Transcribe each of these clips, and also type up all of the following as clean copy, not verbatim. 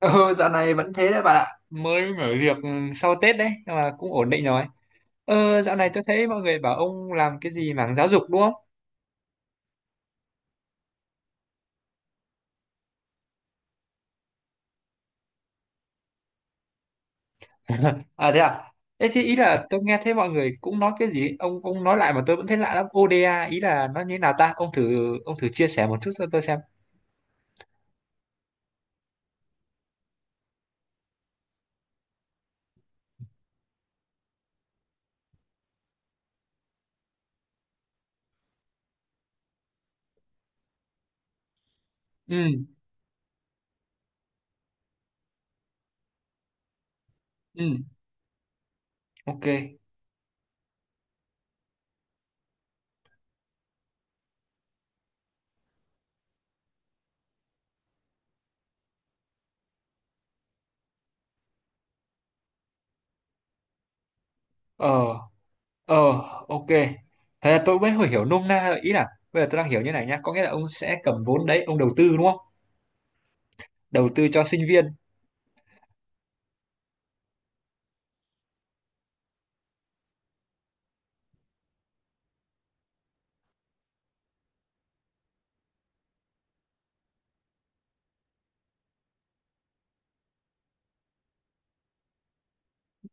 Ừ, dạo này vẫn thế đấy bạn ạ. Mới mở việc sau Tết đấy, nhưng mà cũng ổn định rồi. Ờ, dạo này tôi thấy mọi người bảo ông làm cái gì mảng giáo dục đúng không? À? Thế thì ý là tôi nghe thấy mọi người cũng nói cái gì, ông nói lại mà tôi vẫn thấy lạ lắm. ODA ý là nó như thế nào ta? Ông thử chia sẻ một chút cho tôi xem. Ừ, ừ, ok. Ờ, ờ, ok. Thế là tôi mới hiểu hiểu nôm na rồi. Ý là bây giờ tôi đang hiểu như này nhá. Có nghĩa là ông sẽ cầm vốn đấy, ông đầu tư đúng không? Đầu tư cho sinh viên.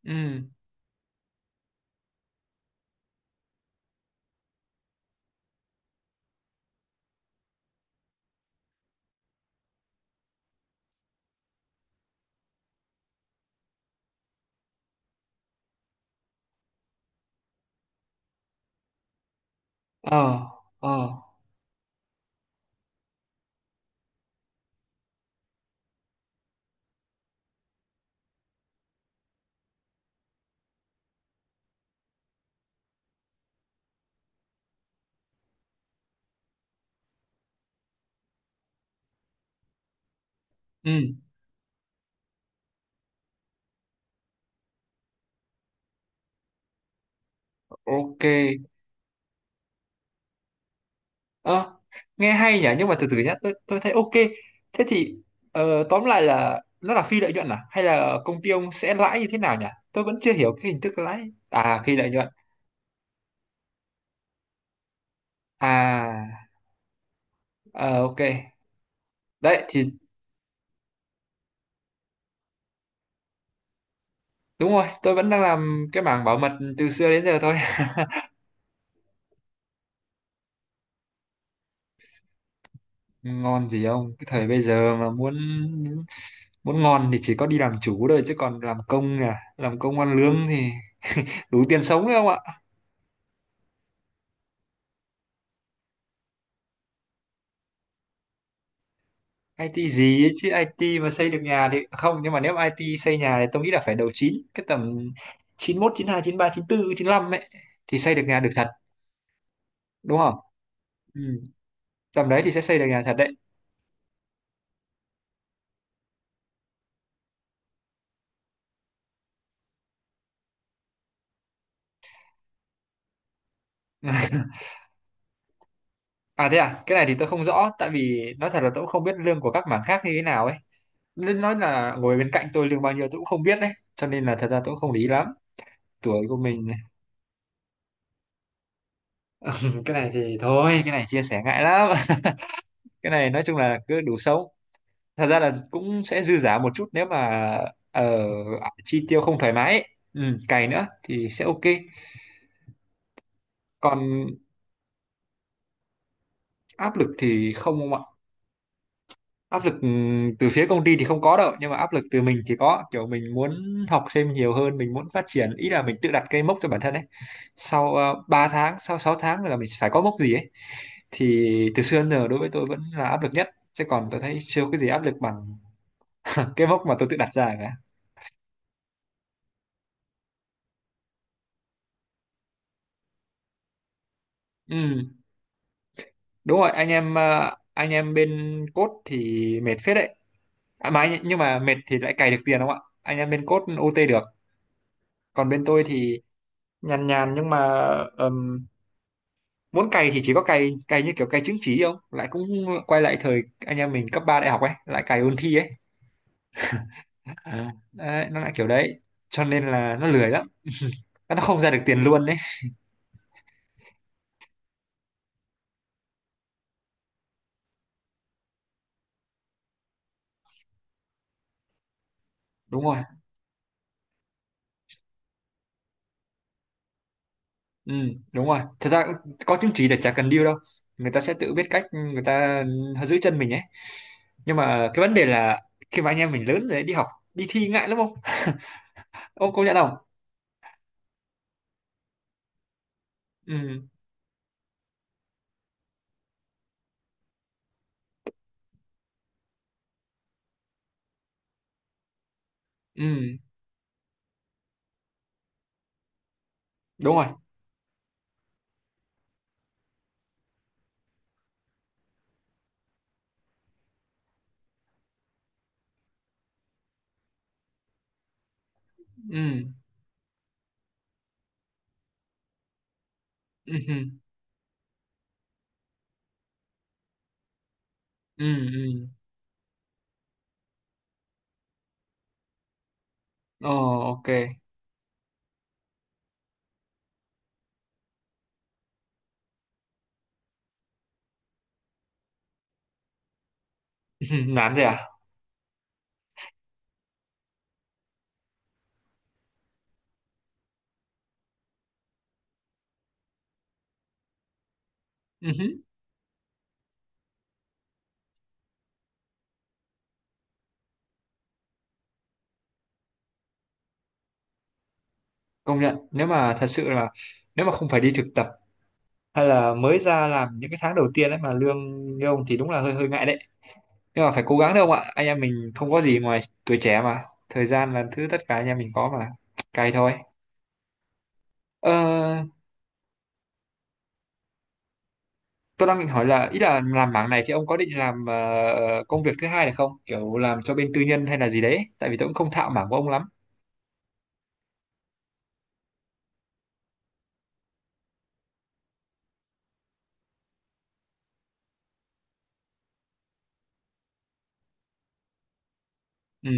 Ừ. Ờ, ờ, ừ, ok. Ờ, nghe hay nhỉ, nhưng mà từ từ nhá, tôi thấy ok. Thế thì ờ, tóm lại là nó là phi lợi nhuận à hay là công ty ông sẽ lãi như thế nào nhỉ? Tôi vẫn chưa hiểu cái hình thức lãi à phi lợi nhuận à? Ờ, ok. Đấy thì đúng rồi, tôi vẫn đang làm cái mảng bảo mật từ xưa đến giờ thôi. Ngon gì ông, cái thời bây giờ mà muốn muốn ngon thì chỉ có đi làm chủ thôi, chứ còn làm công à làm công ăn lương thì đủ tiền sống đấy ông ạ. IT gì ấy chứ, IT mà xây được nhà thì không, nhưng mà nếu IT xây nhà thì tôi nghĩ là phải đầu 9 cái tầm chín chín chín mốt hai chín ba chín 93, chín 95 ấy thì xây được nhà được thật, đúng không? Ừ. Tầm đấy thì sẽ xây được nhà thật đấy. À thế à, cái này thì tôi không rõ, tại vì nói thật là tôi cũng không biết lương của các mảng khác như thế nào ấy. Nên nói là ngồi bên cạnh tôi lương bao nhiêu tôi cũng không biết đấy, cho nên là thật ra tôi cũng không lý lắm. Tuổi của mình cái này thì thôi, cái này chia sẻ ngại lắm. Cái này nói chung là cứ đủ sống. Thật ra là cũng sẽ dư giả một chút nếu mà ờ, chi tiêu không thoải mái ấy. Ừ, cày nữa thì sẽ ok. Còn áp lực thì không ông ạ, áp lực từ phía công ty thì không có đâu, nhưng mà áp lực từ mình thì có, kiểu mình muốn học thêm nhiều hơn, mình muốn phát triển, ý là mình tự đặt cây mốc cho bản thân ấy. Sau 3 tháng, sau 6 tháng là mình phải có mốc gì ấy, thì từ xưa đến giờ đối với tôi vẫn là áp lực nhất, chứ còn tôi thấy chưa có cái gì áp lực bằng cái mốc mà tôi tự đặt ra cả. Ừ. Đúng rồi, anh em anh em bên code thì mệt phết đấy. À, mà anh, nhưng mà mệt thì lại cày được tiền đúng không ạ, anh em bên code OT được. Còn bên tôi thì nhàn nhàn, nhưng mà ừm, muốn cày thì chỉ có cày cày như kiểu cày chứng chỉ không, lại cũng quay lại thời anh em mình cấp 3 đại học ấy, lại cày ôn thi ấy. À. Đấy, nó lại kiểu đấy, cho nên là nó lười lắm, nó không ra được tiền luôn đấy. Đúng rồi. Ừ, đúng rồi. Thật ra cũng có chứng chỉ là chả cần deal đâu. Người ta sẽ tự biết cách người ta giữ chân mình ấy. Nhưng mà cái vấn đề là khi mà anh em mình lớn rồi đi học, đi thi ngại lắm không? Ông công nhận không? Ừ, ừ, đúng rồi. Ừ, ừ, ừ, ừ. Ừ. Ờ, ok. Nản rồi à? Ừ, công nhận. Nếu mà thật sự là nếu mà không phải đi thực tập hay là mới ra làm những cái tháng đầu tiên ấy mà lương như ông thì đúng là hơi hơi ngại đấy. Nhưng mà phải cố gắng được không ạ, anh em mình không có gì ngoài tuổi trẻ mà, thời gian là thứ tất cả anh em mình có mà, cày thôi. Ờ, tôi đang định hỏi là ý là làm mảng này thì ông có định làm công việc thứ hai này không, kiểu làm cho bên tư nhân hay là gì đấy, tại vì tôi cũng không thạo mảng của ông lắm. Ừ.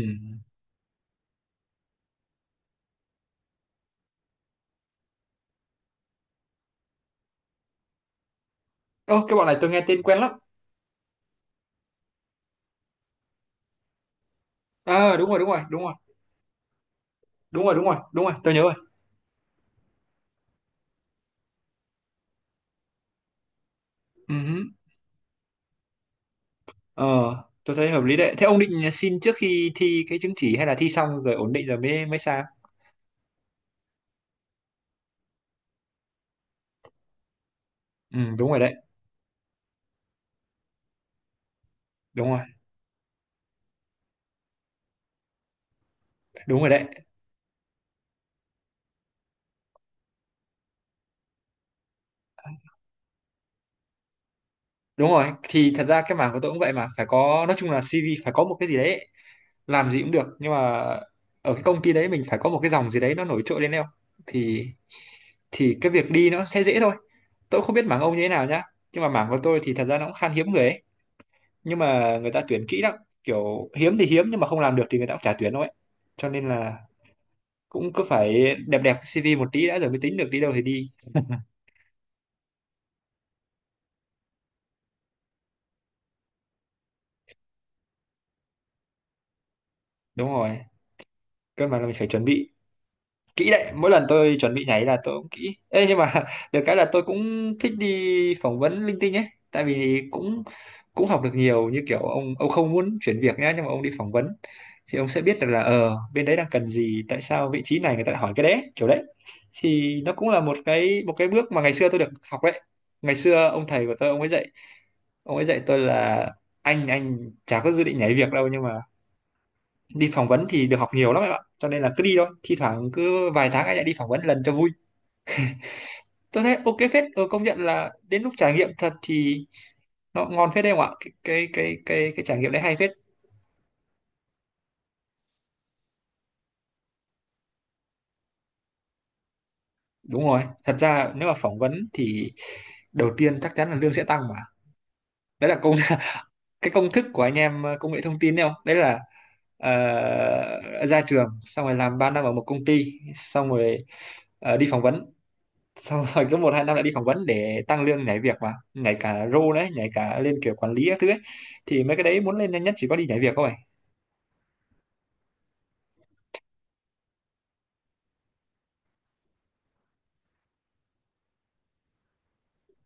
Ơ, cái bọn này tôi nghe tên quen lắm. Ờ, đúng rồi. Đúng rồi, tôi nhớ rồi. Ừ hứ. Ờ, tôi thấy hợp lý đấy. Thế ông định xin trước khi thi cái chứng chỉ hay là thi xong rồi ổn định rồi mới mới sang? Ừ, đúng rồi đấy. Đúng rồi. Đúng rồi đấy. Đúng rồi thì thật ra cái mảng của tôi cũng vậy mà, phải có, nói chung là CV phải có một cái gì đấy. Làm gì cũng được, nhưng mà ở cái công ty đấy mình phải có một cái dòng gì đấy nó nổi trội lên đâu, thì cái việc đi nó sẽ dễ thôi. Tôi không biết mảng ông như thế nào nhá, nhưng mà mảng của tôi thì thật ra nó cũng khan hiếm người ấy, nhưng mà người ta tuyển kỹ lắm, kiểu hiếm thì hiếm nhưng mà không làm được thì người ta cũng chả tuyển đâu ấy, cho nên là cũng cứ phải đẹp đẹp cái CV một tí đã rồi mới tính được đi đâu thì đi. Đúng rồi. Cơ mà là mình phải chuẩn bị kỹ đấy, mỗi lần tôi chuẩn bị nhảy là tôi cũng kỹ. Ê, nhưng mà được cái là tôi cũng thích đi phỏng vấn linh tinh ấy, tại vì cũng cũng học được nhiều, như kiểu ông không muốn chuyển việc nhá, nhưng mà ông đi phỏng vấn thì ông sẽ biết được là ờ bên đấy đang cần gì, tại sao vị trí này người ta lại hỏi cái đấy kiểu đấy, thì nó cũng là một cái bước mà ngày xưa tôi được học đấy. Ngày xưa ông thầy của tôi ông ấy dạy, ông ấy dạy tôi là anh chả có dự định nhảy việc đâu, nhưng mà đi phỏng vấn thì được học nhiều lắm em ạ, cho nên là cứ đi thôi, thi thoảng cứ vài tháng anh lại đi phỏng vấn lần cho vui. Tôi thấy ok phết. Ừ, công nhận là đến lúc trải nghiệm thật thì nó ngon phết đấy không ạ, cái cái trải nghiệm đấy hay phết. Đúng rồi, thật ra nếu mà phỏng vấn thì đầu tiên chắc chắn là lương sẽ tăng mà. Đấy là công cái công thức của anh em công nghệ thông tin đấy không, đấy là ra trường xong rồi làm 3 năm ở một công ty, xong rồi đi phỏng vấn, xong rồi cứ một hai năm lại đi phỏng vấn để tăng lương, nhảy việc mà, nhảy cả role đấy, nhảy cả lên kiểu quản lý các thứ ấy, thì mấy cái đấy muốn lên nhanh nhất chỉ có đi nhảy việc thôi.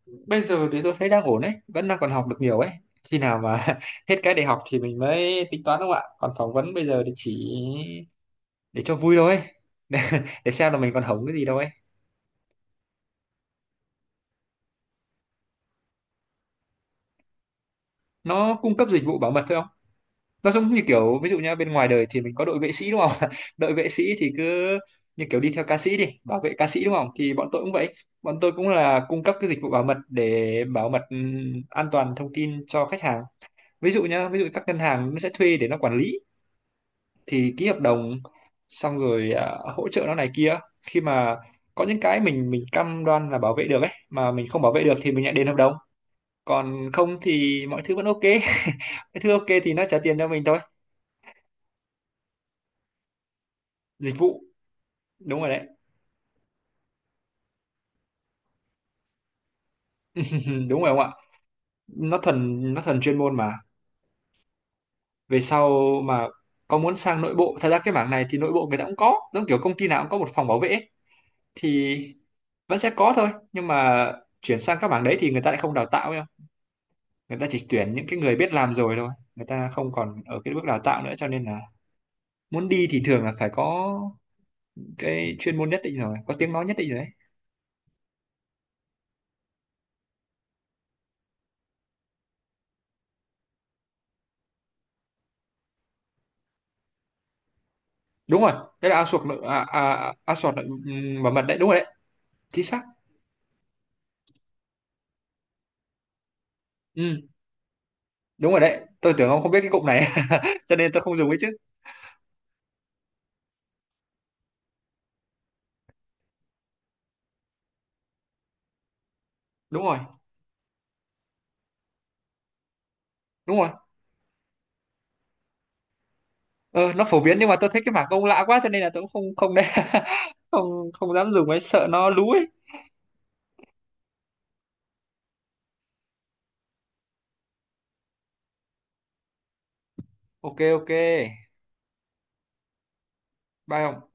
Bây giờ thì tôi thấy đang ổn đấy, vẫn đang còn học được nhiều ấy, khi nào mà hết cái để học thì mình mới tính toán đúng không ạ, còn phỏng vấn bây giờ thì chỉ để cho vui thôi để, để xem là mình còn hổng cái gì đâu ấy. Nó cung cấp dịch vụ bảo mật thôi. Nó giống như kiểu ví dụ nhá, bên ngoài đời thì mình có đội vệ sĩ đúng không, đội vệ sĩ thì cứ như kiểu đi theo ca sĩ, đi bảo vệ ca sĩ đúng không, thì bọn tôi cũng vậy, bọn tôi cũng là cung cấp cái dịch vụ bảo mật để bảo mật an toàn thông tin cho khách hàng. Ví dụ nhá, ví dụ các ngân hàng nó sẽ thuê để nó quản lý, thì ký hợp đồng xong rồi à, hỗ trợ nó này kia, khi mà có những cái mình cam đoan là bảo vệ được ấy mà mình không bảo vệ được thì mình lại đền hợp đồng, còn không thì mọi thứ vẫn ok. Cái thứ ok thì nó trả tiền cho mình thôi. Dịch vụ, đúng rồi đấy. Đúng rồi ông ạ, nó thuần chuyên môn mà. Về sau mà có muốn sang nội bộ, thật ra cái mảng này thì nội bộ người ta cũng có, giống kiểu công ty nào cũng có một phòng bảo vệ ấy. Thì vẫn sẽ có thôi, nhưng mà chuyển sang các mảng đấy thì người ta lại không đào tạo đâu, người ta chỉ tuyển những cái người biết làm rồi thôi, người ta không còn ở cái bước đào tạo nữa, cho nên là muốn đi thì thường là phải có cái chuyên môn nhất định rồi, có tiếng nói nhất định rồi đấy. Đúng rồi. Đấy là outsource nội outsource nội, bảo mật đấy, đúng rồi đấy, chính xác. Ừ, đúng rồi đấy, tôi tưởng ông không biết cái cụm này cho nên tôi không dùng ấy chứ. Đúng rồi, đúng rồi. Ờ, nó phổ biến nhưng mà tôi thấy cái mảng ông lạ quá, cho nên là tôi cũng không không đấy. không không dám dùng ấy, sợ nó lú ấy. Ok ok, bye ông.